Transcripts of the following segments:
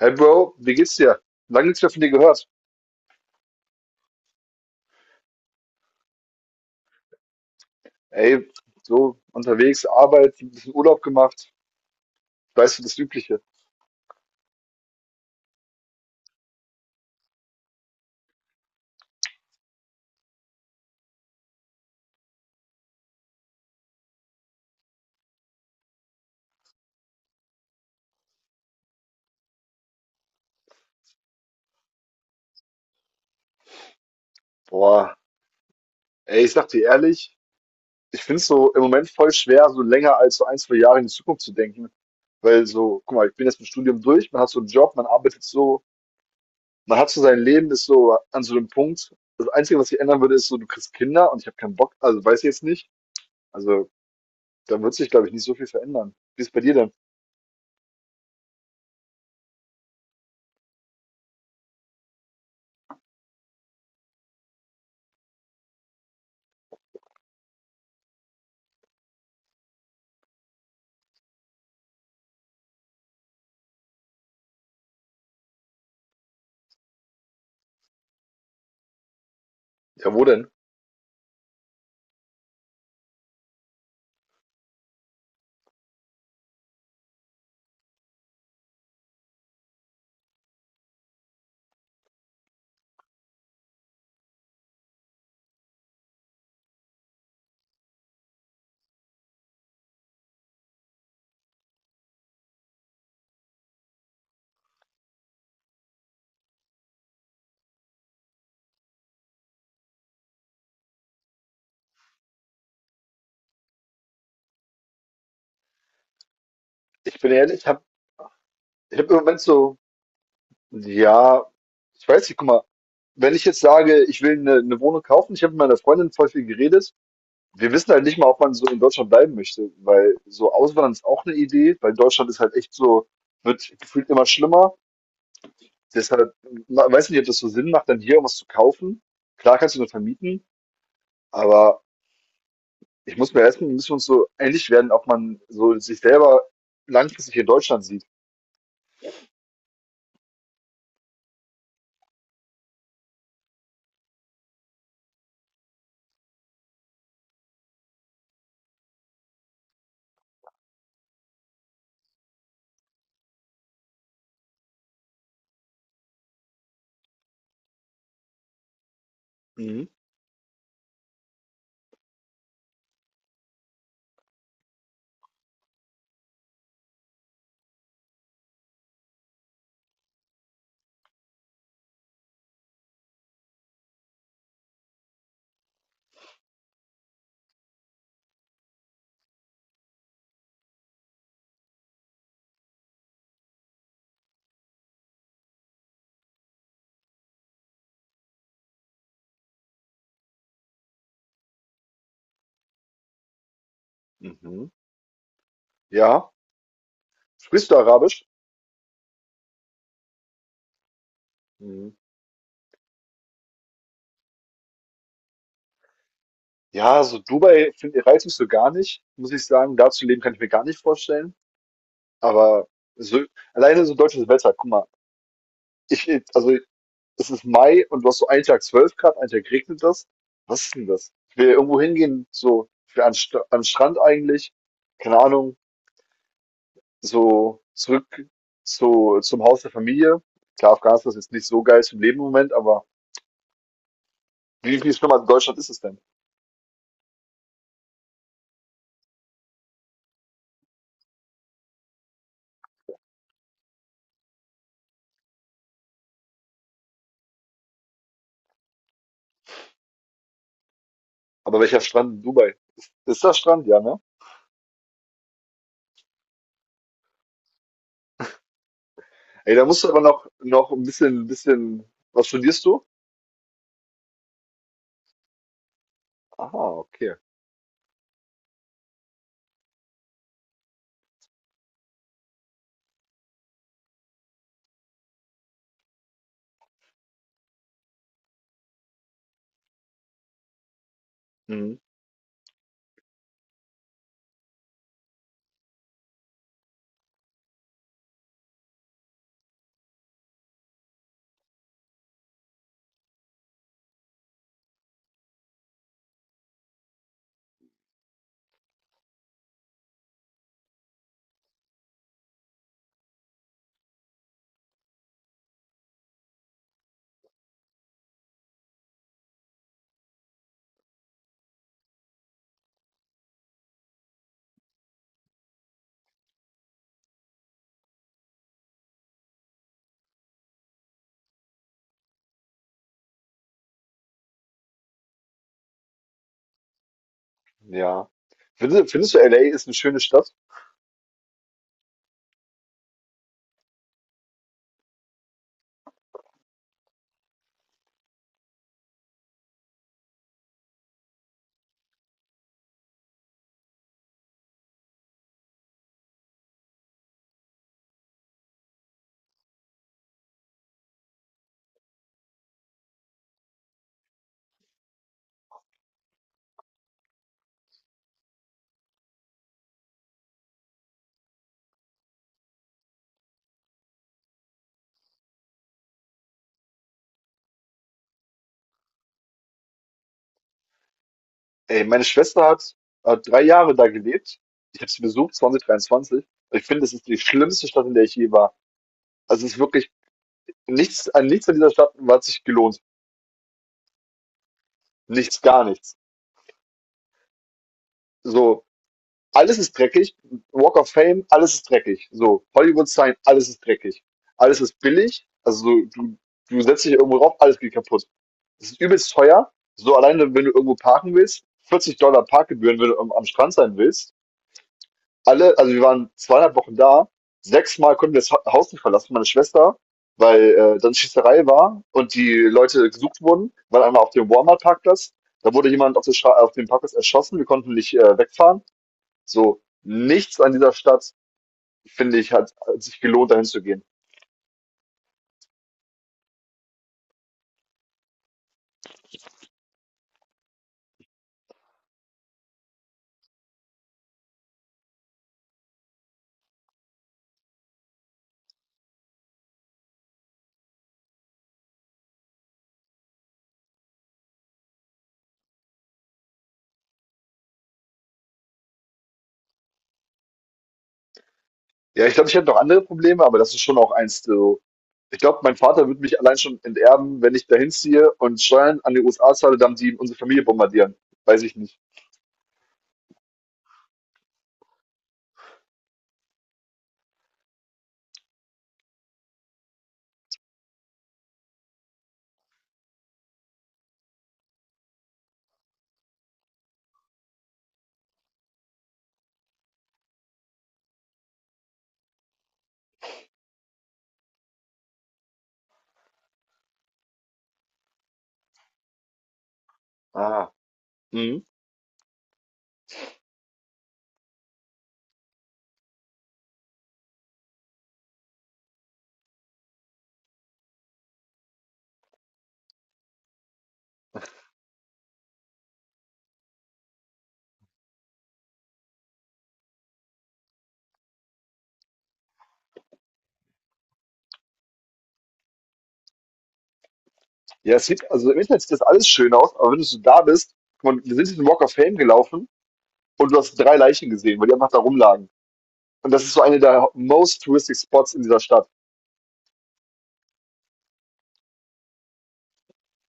Hey Bro, wie geht's dir? Lange nichts mehr von dir gehört. Ey, so unterwegs, Arbeit, ein bisschen Urlaub gemacht, weißt du, das Übliche. Boah, ey, ich sag dir ehrlich, ich find's so im Moment voll schwer, so länger als so ein, zwei Jahre in die Zukunft zu denken. Weil so, guck mal, ich bin jetzt mit dem Studium durch, man hat so einen Job, man arbeitet so, man hat so sein Leben, ist so an so einem Punkt. Das Einzige, was sich ändern würde, ist so, du kriegst Kinder und ich habe keinen Bock, also weiß ich jetzt nicht. Also, da wird sich, glaube ich, nicht so viel verändern. Wie ist bei dir denn? Ja, wo denn? Ich bin ehrlich, ich hab im Moment so. Ja, ich weiß nicht, guck mal, wenn ich jetzt sage, ich will eine 'ne Wohnung kaufen, ich habe mit meiner Freundin voll viel geredet. Wir wissen halt nicht mal, ob man so in Deutschland bleiben möchte, weil so auswandern ist auch eine Idee, weil Deutschland ist halt echt so, wird gefühlt immer schlimmer. Deshalb, ma weiß nicht, ob das so Sinn macht, dann hier irgendwas zu kaufen. Klar kannst du nur vermieten, aber ich muss mir erst mal, müssen wir uns so einig werden, ob man so sich selber langfristig in Deutschland sieht. Mhm, mhm. Ja. Sprichst du Arabisch? Mhm. Ja, so Dubai, find reizt mich so gar nicht, muss ich sagen. Da zu leben, kann ich mir gar nicht vorstellen. Aber so, alleine so deutsches Wetter, guck mal, ich, also es ist Mai und du hast so einen Tag 12 Grad, einen Tag regnet das. Was ist denn das? Ich will irgendwo hingehen, so an den Strand eigentlich, keine Ahnung, so zurück zum Haus der Familie. Klar, Afghanistan ist jetzt nicht so geil zum Leben im Moment, aber wie viel schlimmer als in Deutschland ist es denn? Aber welcher Strand in Dubai? Ist das Strand, ja, ne? Ey, da musst du aber noch ein bisschen. Was studierst du? Aha, okay. Mhm. Ja. Findest du, LA ist eine schöne Stadt? Ey, meine Schwester hat 3 Jahre da gelebt. Ich habe sie besucht, 2023. Ich finde, es ist die schlimmste Stadt, in der ich je war. Also es ist wirklich nichts, an nichts an dieser Stadt hat sich gelohnt. Nichts, gar nichts. So, alles ist dreckig. Walk of Fame, alles ist dreckig. So, Hollywood Sign, alles ist dreckig. Alles ist billig. Also so, du setzt dich irgendwo drauf, alles geht kaputt. Es ist übelst teuer. So alleine, wenn du irgendwo parken willst, 40 $ Parkgebühren, wenn du am Strand sein willst. Also wir waren 2,5 Wochen da. Sechsmal konnten wir das Haus nicht verlassen, meine Schwester, weil dann Schießerei war und die Leute gesucht wurden, weil einmal auf dem Walmart-Parkplatz, da wurde jemand auf dem Parkplatz erschossen, wir konnten nicht wegfahren. So, nichts an dieser Stadt, finde ich, hat sich gelohnt, dahin zu gehen. Ja, ich glaube, ich hätte noch andere Probleme, aber das ist schon auch eins, so. Ich glaube, mein Vater würde mich allein schon enterben, wenn ich dahin ziehe und Steuern an die USA zahle, dann die unsere Familie bombardieren. Weiß ich nicht. Ah. Mhm. Ja, es sieht, also im Internet sieht das alles schön aus, aber wenn du so da bist, guck mal, wir sind diesen Walk of Fame gelaufen und du hast drei Leichen gesehen, weil die einfach da rumlagen. Und das ist so eine der most touristic Spots in dieser Stadt.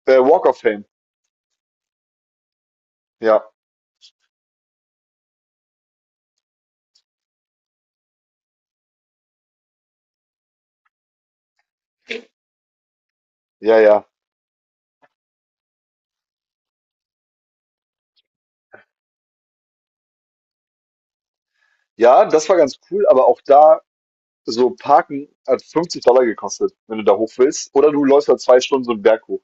Walk of Fame. Ja, ja, ja. Ja, das war ganz cool, aber auch da so Parken hat 50 gekostet, wenn du da hoch willst. Oder du läufst da 2 Stunden so 'n Berg hoch.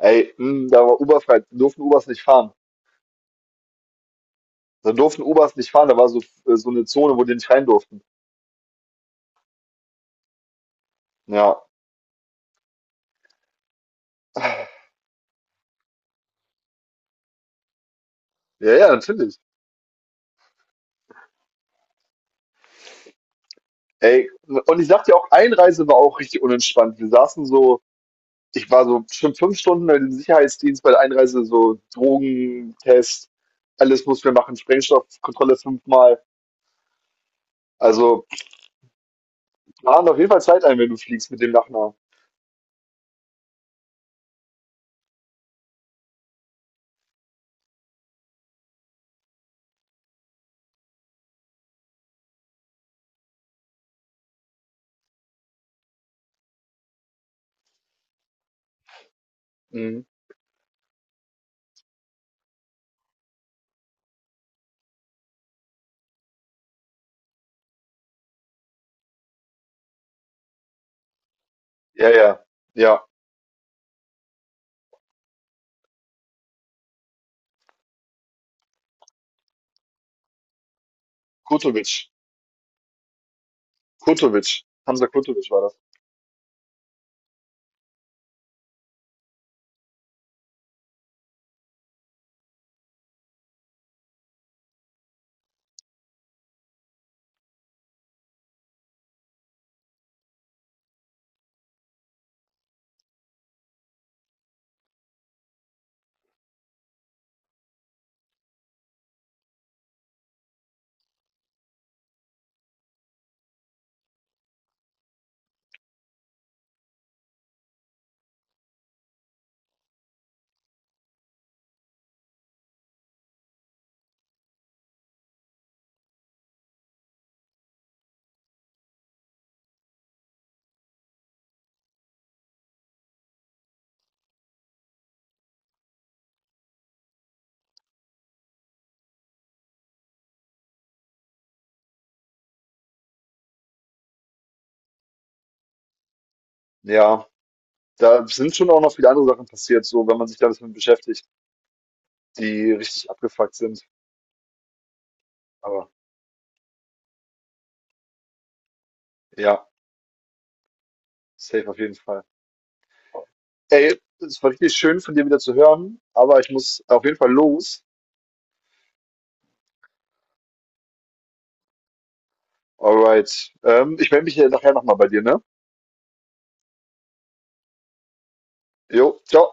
Ey, da war Uberfrei, durften Ubers nicht fahren. Da durften Ubers nicht fahren, da war so so eine Zone, wo die nicht rein durften. Ja. Ja, ja, natürlich. Ey, und ich sag dir auch, Einreise war auch richtig unentspannt. Wir saßen so ich war so bestimmt 5 Stunden bei dem Sicherheitsdienst bei der Einreise, so Drogentest, alles mussten wir machen, Sprengstoffkontrolle fünfmal. Also plan auf jeden Fall Zeit ein, wenn du fliegst mit dem Nachnamen. Mhm. Ja, ja. Ja. Kurtovic. Kurtovic. Hamza Kurtovic war das. Ja. Da sind schon auch noch viele andere Sachen passiert, so wenn man sich da ein bisschen beschäftigt, die richtig abgefuckt sind. Aber ja, safe auf jeden Fall. Ey, es war richtig schön von dir wieder zu hören, aber ich muss auf jeden Fall los. Alright. Ich melde mich hier nachher nochmal bei dir, ne? Jo, ciao.